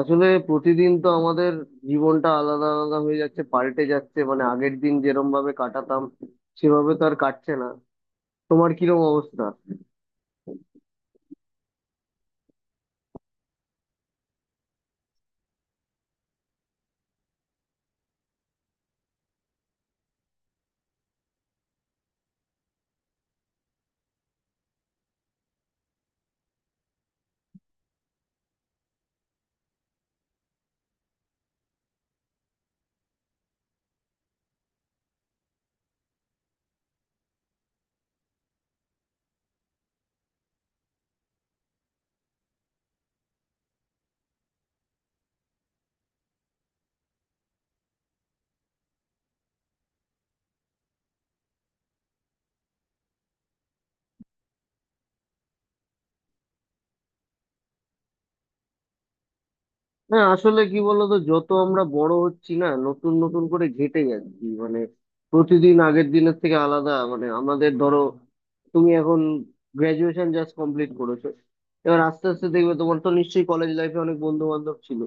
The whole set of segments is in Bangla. আসলে প্রতিদিন তো আমাদের জীবনটা আলাদা আলাদা হয়ে যাচ্ছে, পাল্টে যাচ্ছে। মানে আগের দিন যেরম ভাবে কাটাতাম, সেভাবে তো আর কাটছে না। তোমার কিরম অবস্থা? হ্যাঁ, আসলে কি বলতো, যত আমরা বড় হচ্ছি না, নতুন নতুন করে ঘেঁটে যাচ্ছি। মানে প্রতিদিন আগের দিনের থেকে আলাদা। মানে আমাদের ধরো, তুমি এখন গ্রাজুয়েশন জাস্ট কমপ্লিট করেছো। এবার আস্তে আস্তে দেখবে, তোমার তো নিশ্চয়ই কলেজ লাইফে অনেক বন্ধু বান্ধব ছিল।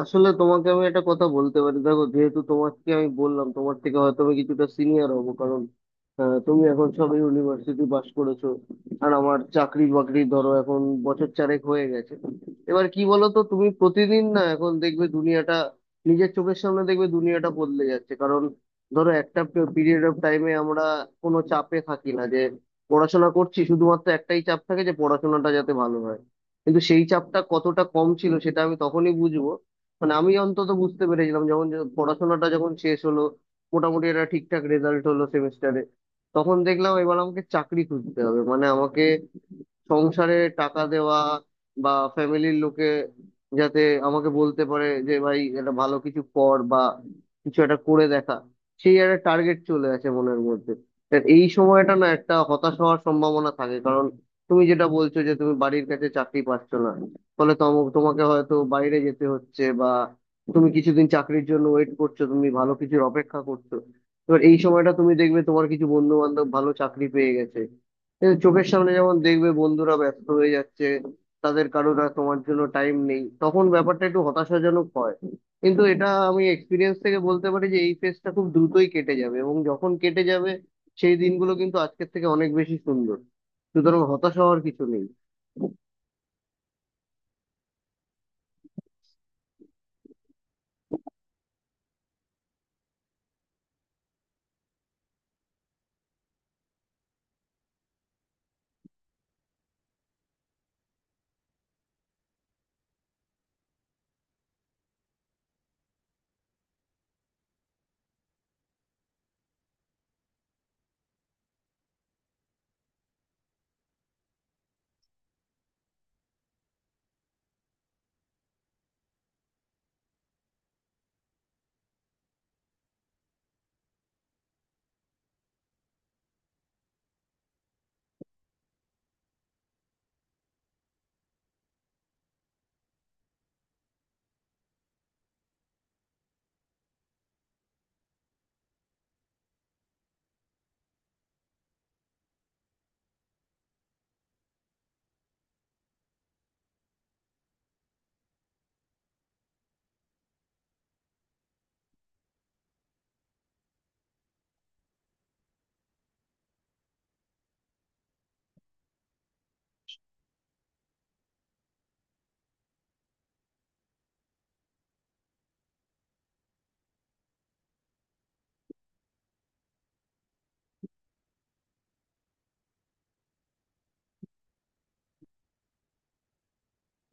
আসলে তোমাকে আমি একটা কথা বলতে পারি, দেখো, যেহেতু তোমাকে আমি বললাম তোমার থেকে হয়তো আমি কিছুটা সিনিয়র হবো, কারণ তুমি এখন সবে ইউনিভার্সিটি পাস করেছো। আর আমার চাকরি বাকরি ধরো এখন বছর চারেক হয়ে গেছে। এবার কি বলো তো, তুমি প্রতিদিন না এখন দেখবে দুনিয়াটা, নিজের চোখের সামনে দেখবে দুনিয়াটা বদলে যাচ্ছে। কারণ ধরো, একটা পিরিয়ড অফ টাইমে আমরা কোনো চাপে থাকি না, যে পড়াশোনা করছি শুধুমাত্র একটাই চাপ থাকে, যে পড়াশোনাটা যাতে ভালো হয়। কিন্তু সেই চাপটা কতটা কম ছিল সেটা আমি তখনই বুঝবো। মানে আমি অন্তত বুঝতে পেরেছিলাম, যখন যে পড়াশোনাটা যখন শেষ হলো, মোটামুটি একটা ঠিকঠাক রেজাল্ট হলো সেমিস্টারে, তখন দেখলাম এবার আমাকে চাকরি খুঁজতে হবে। মানে আমাকে সংসারে টাকা দেওয়া, বা ফ্যামিলির লোকে যাতে আমাকে বলতে পারে যে ভাই এটা ভালো কিছু কর, বা কিছু একটা করে দেখা, সেই একটা টার্গেট চলে আসে মনের মধ্যে। তা এই সময়টা না একটা হতাশ হওয়ার সম্ভাবনা থাকে, কারণ তুমি যেটা বলছো যে তুমি বাড়ির কাছে চাকরি পাচ্ছ না, ফলে তোমাকে হয়তো বাইরে যেতে হচ্ছে, বা তুমি কিছুদিন চাকরির জন্য ওয়েট করছো, তুমি ভালো কিছুর অপেক্ষা করছো। এবার এই সময়টা তুমি দেখবে তোমার কিছু বন্ধু বান্ধব ভালো চাকরি পেয়ে গেছে, এ চোখের সামনে যেমন দেখবে বন্ধুরা ব্যস্ত হয়ে যাচ্ছে, তাদের কারোর আর তোমার জন্য টাইম নেই, তখন ব্যাপারটা একটু হতাশাজনক হয়। কিন্তু এটা আমি এক্সপিরিয়েন্স থেকে বলতে পারি যে এই ফেজটা খুব দ্রুতই কেটে যাবে, এবং যখন কেটে যাবে, সেই দিনগুলো কিন্তু আজকের থেকে অনেক বেশি সুন্দর। সুতরাং হতাশা হওয়ার কিছু নেই।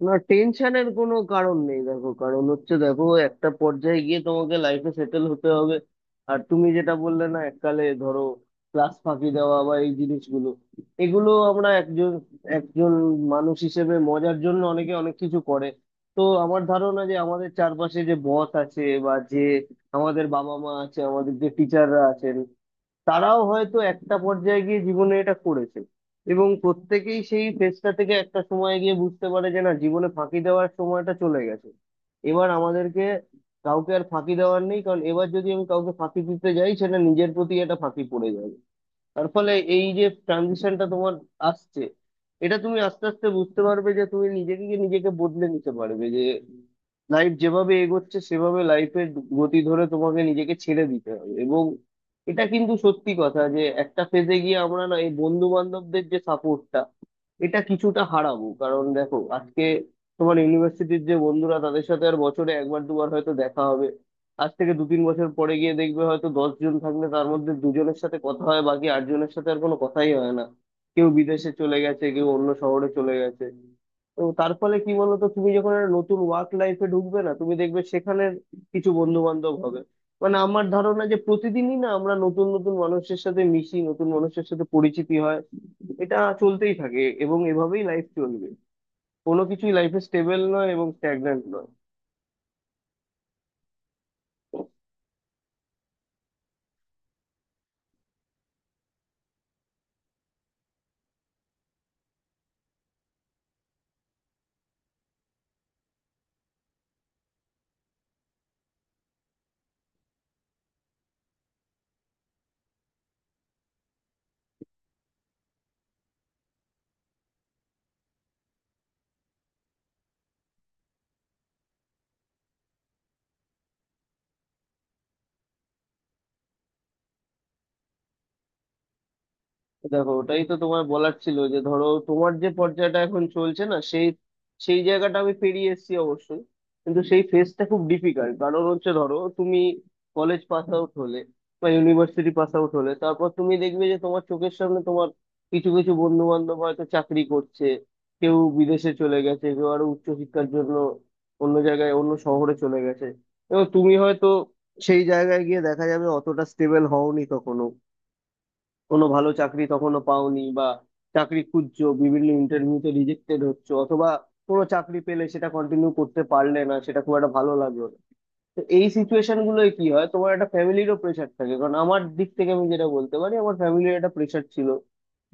না, টেনশনের কোনো কারণ নেই। দেখো, কারণ হচ্ছে, দেখো, একটা পর্যায়ে গিয়ে তোমাকে লাইফে সেটেল হতে হবে। আর তুমি যেটা বললে না, এককালে ধরো ক্লাস ফাঁকি দেওয়া বা এই জিনিসগুলো, এগুলো আমরা একজন একজন মানুষ হিসেবে মজার জন্য অনেকে অনেক কিছু করে। তো আমার ধারণা যে আমাদের চারপাশে যে বস আছে, বা যে আমাদের বাবা মা আছে, আমাদের যে টিচাররা আছেন, তারাও হয়তো একটা পর্যায়ে গিয়ে জীবনে এটা করেছে। এবং প্রত্যেকেই সেই ফেজটা থেকে একটা সময় গিয়ে বুঝতে পারে যে না, জীবনে ফাঁকি দেওয়ার সময়টা চলে গেছে, এবার আমাদেরকে কাউকে আর ফাঁকি দেওয়ার নেই। কারণ এবার যদি আমি কাউকে ফাঁকি দিতে যাই, সেটা নিজের প্রতি একটা ফাঁকি পড়ে যাবে। তার ফলে এই যে ট্রানজিশনটা তোমার আসছে, এটা তুমি আস্তে আস্তে বুঝতে পারবে যে তুমি নিজেকে গিয়ে নিজেকে বদলে নিতে পারবে, যে লাইফ যেভাবে এগোচ্ছে সেভাবে লাইফের গতি ধরে তোমাকে নিজেকে ছেড়ে দিতে হবে। এবং এটা কিন্তু সত্যি কথা যে একটা ফেজে গিয়ে আমরা না এই বন্ধু বান্ধবদের যে সাপোর্টটা, এটা কিছুটা হারাবো। কারণ দেখো, আজকে তোমার ইউনিভার্সিটির যে বন্ধুরা, তাদের সাথে আর বছরে একবার দুবার হয়তো দেখা হবে। আজ থেকে দু তিন বছর পরে গিয়ে দেখবে, হয়তো 10 জন থাকলে তার মধ্যে দুজনের সাথে কথা হয়, বাকি 8 জনের সাথে আর কোনো কথাই হয় না। কেউ বিদেশে চলে গেছে, কেউ অন্য শহরে চলে গেছে। তো তার ফলে কি বলতো, তুমি যখন একটা নতুন ওয়ার্ক লাইফে ঢুকবে না, তুমি দেখবে সেখানের কিছু বন্ধু বান্ধব হবে। মানে আমার ধারণা যে প্রতিদিনই না আমরা নতুন নতুন মানুষের সাথে মিশি, নতুন মানুষের সাথে পরিচিতি হয়, এটা চলতেই থাকে এবং এভাবেই লাইফ চলবে। কোনো কিছুই লাইফে স্টেবল নয় এবং স্ট্যাগন্যান্ট নয়। দেখো, ওটাই তো তোমার বলার ছিল, যে ধরো তোমার যে পর্যায়টা এখন চলছে না, সেই সেই জায়গাটা আমি পেরিয়ে এসেছি অবশ্যই। কিন্তু সেই ফেজটা খুব ডিফিকাল্ট, কারণ হচ্ছে ধরো তুমি কলেজ পাস আউট হলে বা ইউনিভার্সিটি পাস আউট হলে, তারপর তুমি দেখবে যে তোমার চোখের সামনে তোমার কিছু কিছু বন্ধু বান্ধব হয়তো চাকরি করছে, কেউ বিদেশে চলে গেছে, কেউ আরো উচ্চশিক্ষার জন্য অন্য জায়গায় অন্য শহরে চলে গেছে। এবং তুমি হয়তো সেই জায়গায় গিয়ে দেখা যাবে অতটা স্টেবল হওনি তখনো, কোনো ভালো চাকরি তখনো পাওনি, বা চাকরি খুঁজছো, বিভিন্ন ইন্টারভিউতে রিজেক্টেড হচ্ছে, অথবা কোনো চাকরি পেলে সেটা কন্টিনিউ করতে পারলে না, সেটা খুব একটা ভালো লাগলো না। তো এই সিচুয়েশন গুলোয় কি হয়, তোমার একটা ফ্যামিলিরও প্রেশার থাকে। কারণ আমার দিক থেকে আমি যেটা বলতে পারি, আমার ফ্যামিলির একটা প্রেশার ছিল,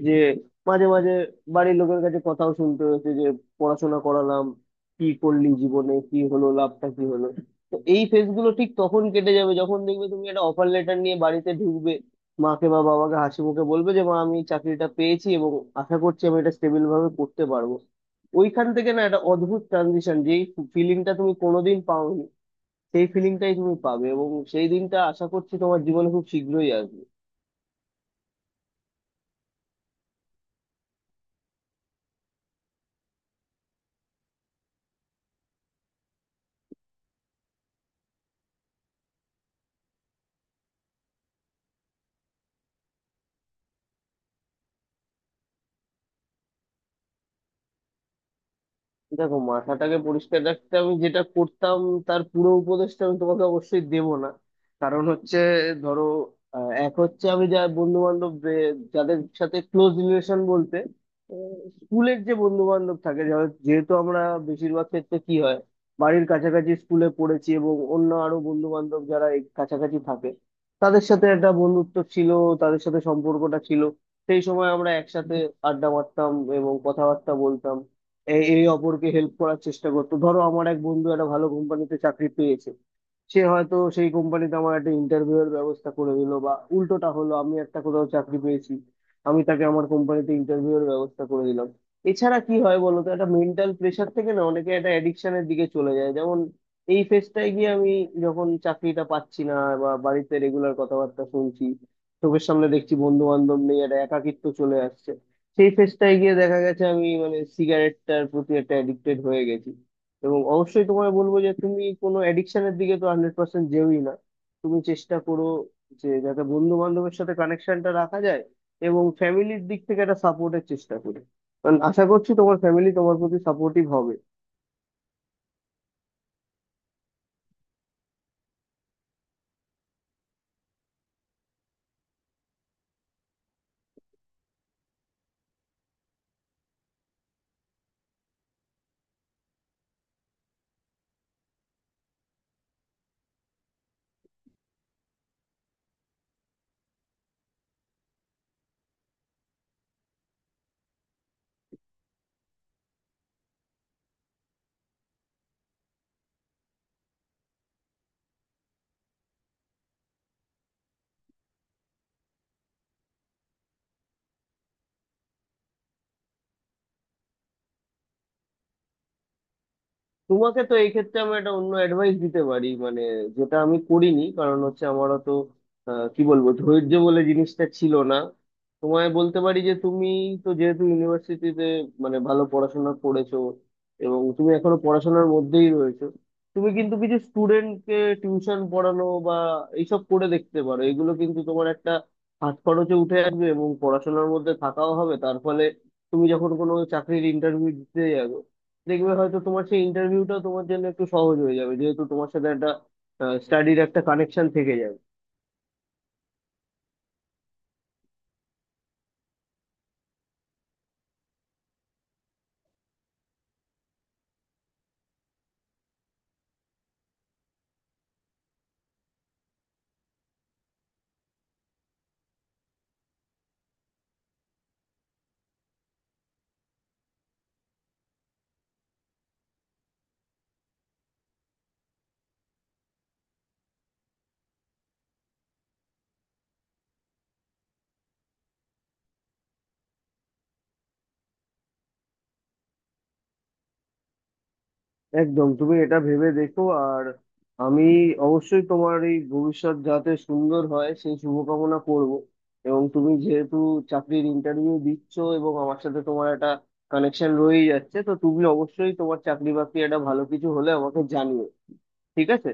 যে মাঝে মাঝে বাড়ির লোকের কাছে কথাও শুনতে হয়েছে, যে পড়াশোনা করালাম, কি করলি জীবনে, কি হলো, লাভটা কি হলো। তো এই ফেজ গুলো ঠিক তখন কেটে যাবে যখন দেখবে তুমি একটা অফার লেটার নিয়ে বাড়িতে ঢুকবে, মাকে বা বাবাকে হাসি মুখে বলবে যে মা আমি এই চাকরিটা পেয়েছি এবং আশা করছি আমি এটা স্টেবল ভাবে করতে পারবো। ওইখান থেকে না একটা অদ্ভুত ট্রানজিশন, যেই ফিলিংটা তুমি কোনোদিন পাওনি, সেই ফিলিংটাই তুমি পাবে। এবং সেই দিনটা আশা করছি তোমার জীবনে খুব শীঘ্রই আসবে। দেখো, মাথাটাকে পরিষ্কার রাখতে আমি যেটা করতাম, তার পুরো উপদেশটা আমি তোমাকে অবশ্যই দেব না। কারণ হচ্ছে ধরো, এক হচ্ছে আমি যা বন্ধু বান্ধব, যাদের সাথে ক্লোজ রিলেশন বলতে, স্কুলের যে বন্ধু বান্ধব থাকে, যেহেতু আমরা বেশিরভাগ ক্ষেত্রে কি হয়, বাড়ির কাছাকাছি স্কুলে পড়েছি, এবং অন্য আরো বন্ধু বান্ধব যারা এই কাছাকাছি থাকে, তাদের সাথে একটা বন্ধুত্ব ছিল, তাদের সাথে সম্পর্কটা ছিল, সেই সময় আমরা একসাথে আড্ডা মারতাম এবং কথাবার্তা বলতাম। এ- এ অপরকে হেল্প করার চেষ্টা করতো, ধরো আমার এক বন্ধু একটা ভালো কোম্পানিতে চাকরি পেয়েছে, সে হয়তো সেই কোম্পানিতে আমার একটা ইন্টারভিউ এর ব্যবস্থা করে দিল, বা উল্টোটা হলো আমি একটা কোথাও চাকরি পেয়েছি, আমি তাকে আমার কোম্পানিতে ইন্টারভিউ এর ব্যবস্থা করে দিলাম। এছাড়া কি হয় বলো তো, একটা মেন্টাল প্রেশার থেকে না অনেকে একটা অ্যাডিকশনের দিকে চলে যায়। যেমন এই ফেজটায় গিয়ে আমি, যখন চাকরিটা পাচ্ছি না বা বাড়িতে রেগুলার কথাবার্তা শুনছি, চোখের সামনে দেখছি বন্ধু বান্ধব নেই, একটা একাকিত্ব চলে আসছে, সেই ফেজটায় গিয়ে দেখা গেছে আমি মানে সিগারেটটার প্রতি একটা অ্যাডিক্টেড হয়ে গেছি। এবং অবশ্যই তোমায় বলবো যে তুমি কোনো অ্যাডিকশনের দিকে তো 100% যেওই না। তুমি চেষ্টা করো যে যাতে বন্ধু বান্ধবের সাথে কানেকশনটা রাখা যায়, এবং ফ্যামিলির দিক থেকে একটা সাপোর্টের চেষ্টা করো, কারণ আশা করছি তোমার ফ্যামিলি তোমার প্রতি সাপোর্টিভ হবে। তোমাকে তো এই ক্ষেত্রে আমি একটা অন্য অ্যাডভাইস দিতে পারি, মানে যেটা আমি করিনি। কারণ হচ্ছে আমারও তো কি বলবো, ধৈর্য বলে জিনিসটা ছিল না। তোমায় বলতে পারি যে তুমি তো যেহেতু ইউনিভার্সিটিতে, মানে ভালো পড়াশোনা করেছো এবং তুমি এখনো পড়াশোনার মধ্যেই রয়েছো, তুমি কিন্তু কিছু স্টুডেন্টকে টিউশন পড়ানো বা এইসব করে দেখতে পারো। এগুলো কিন্তু তোমার একটা হাত খরচে উঠে আসবে এবং পড়াশোনার মধ্যে থাকাও হবে, তার ফলে তুমি যখন কোনো চাকরির ইন্টারভিউ দিতে যাবে, দেখবে হয়তো তোমার সেই ইন্টারভিউটা তোমার জন্য একটু সহজ হয়ে যাবে, যেহেতু তোমার সাথে একটা স্টাডির একটা কানেকশন থেকে যাবে। একদম তুমি এটা ভেবে দেখো। আর আমি অবশ্যই তোমার এই ভবিষ্যৎ যাতে সুন্দর হয় সেই শুভকামনা করব। এবং তুমি যেহেতু চাকরির ইন্টারভিউ দিচ্ছ এবং আমার সাথে তোমার একটা কানেকশন রয়েই যাচ্ছে, তো তুমি অবশ্যই তোমার চাকরি বাকরি একটা ভালো কিছু হলে আমাকে জানিও। ঠিক আছে?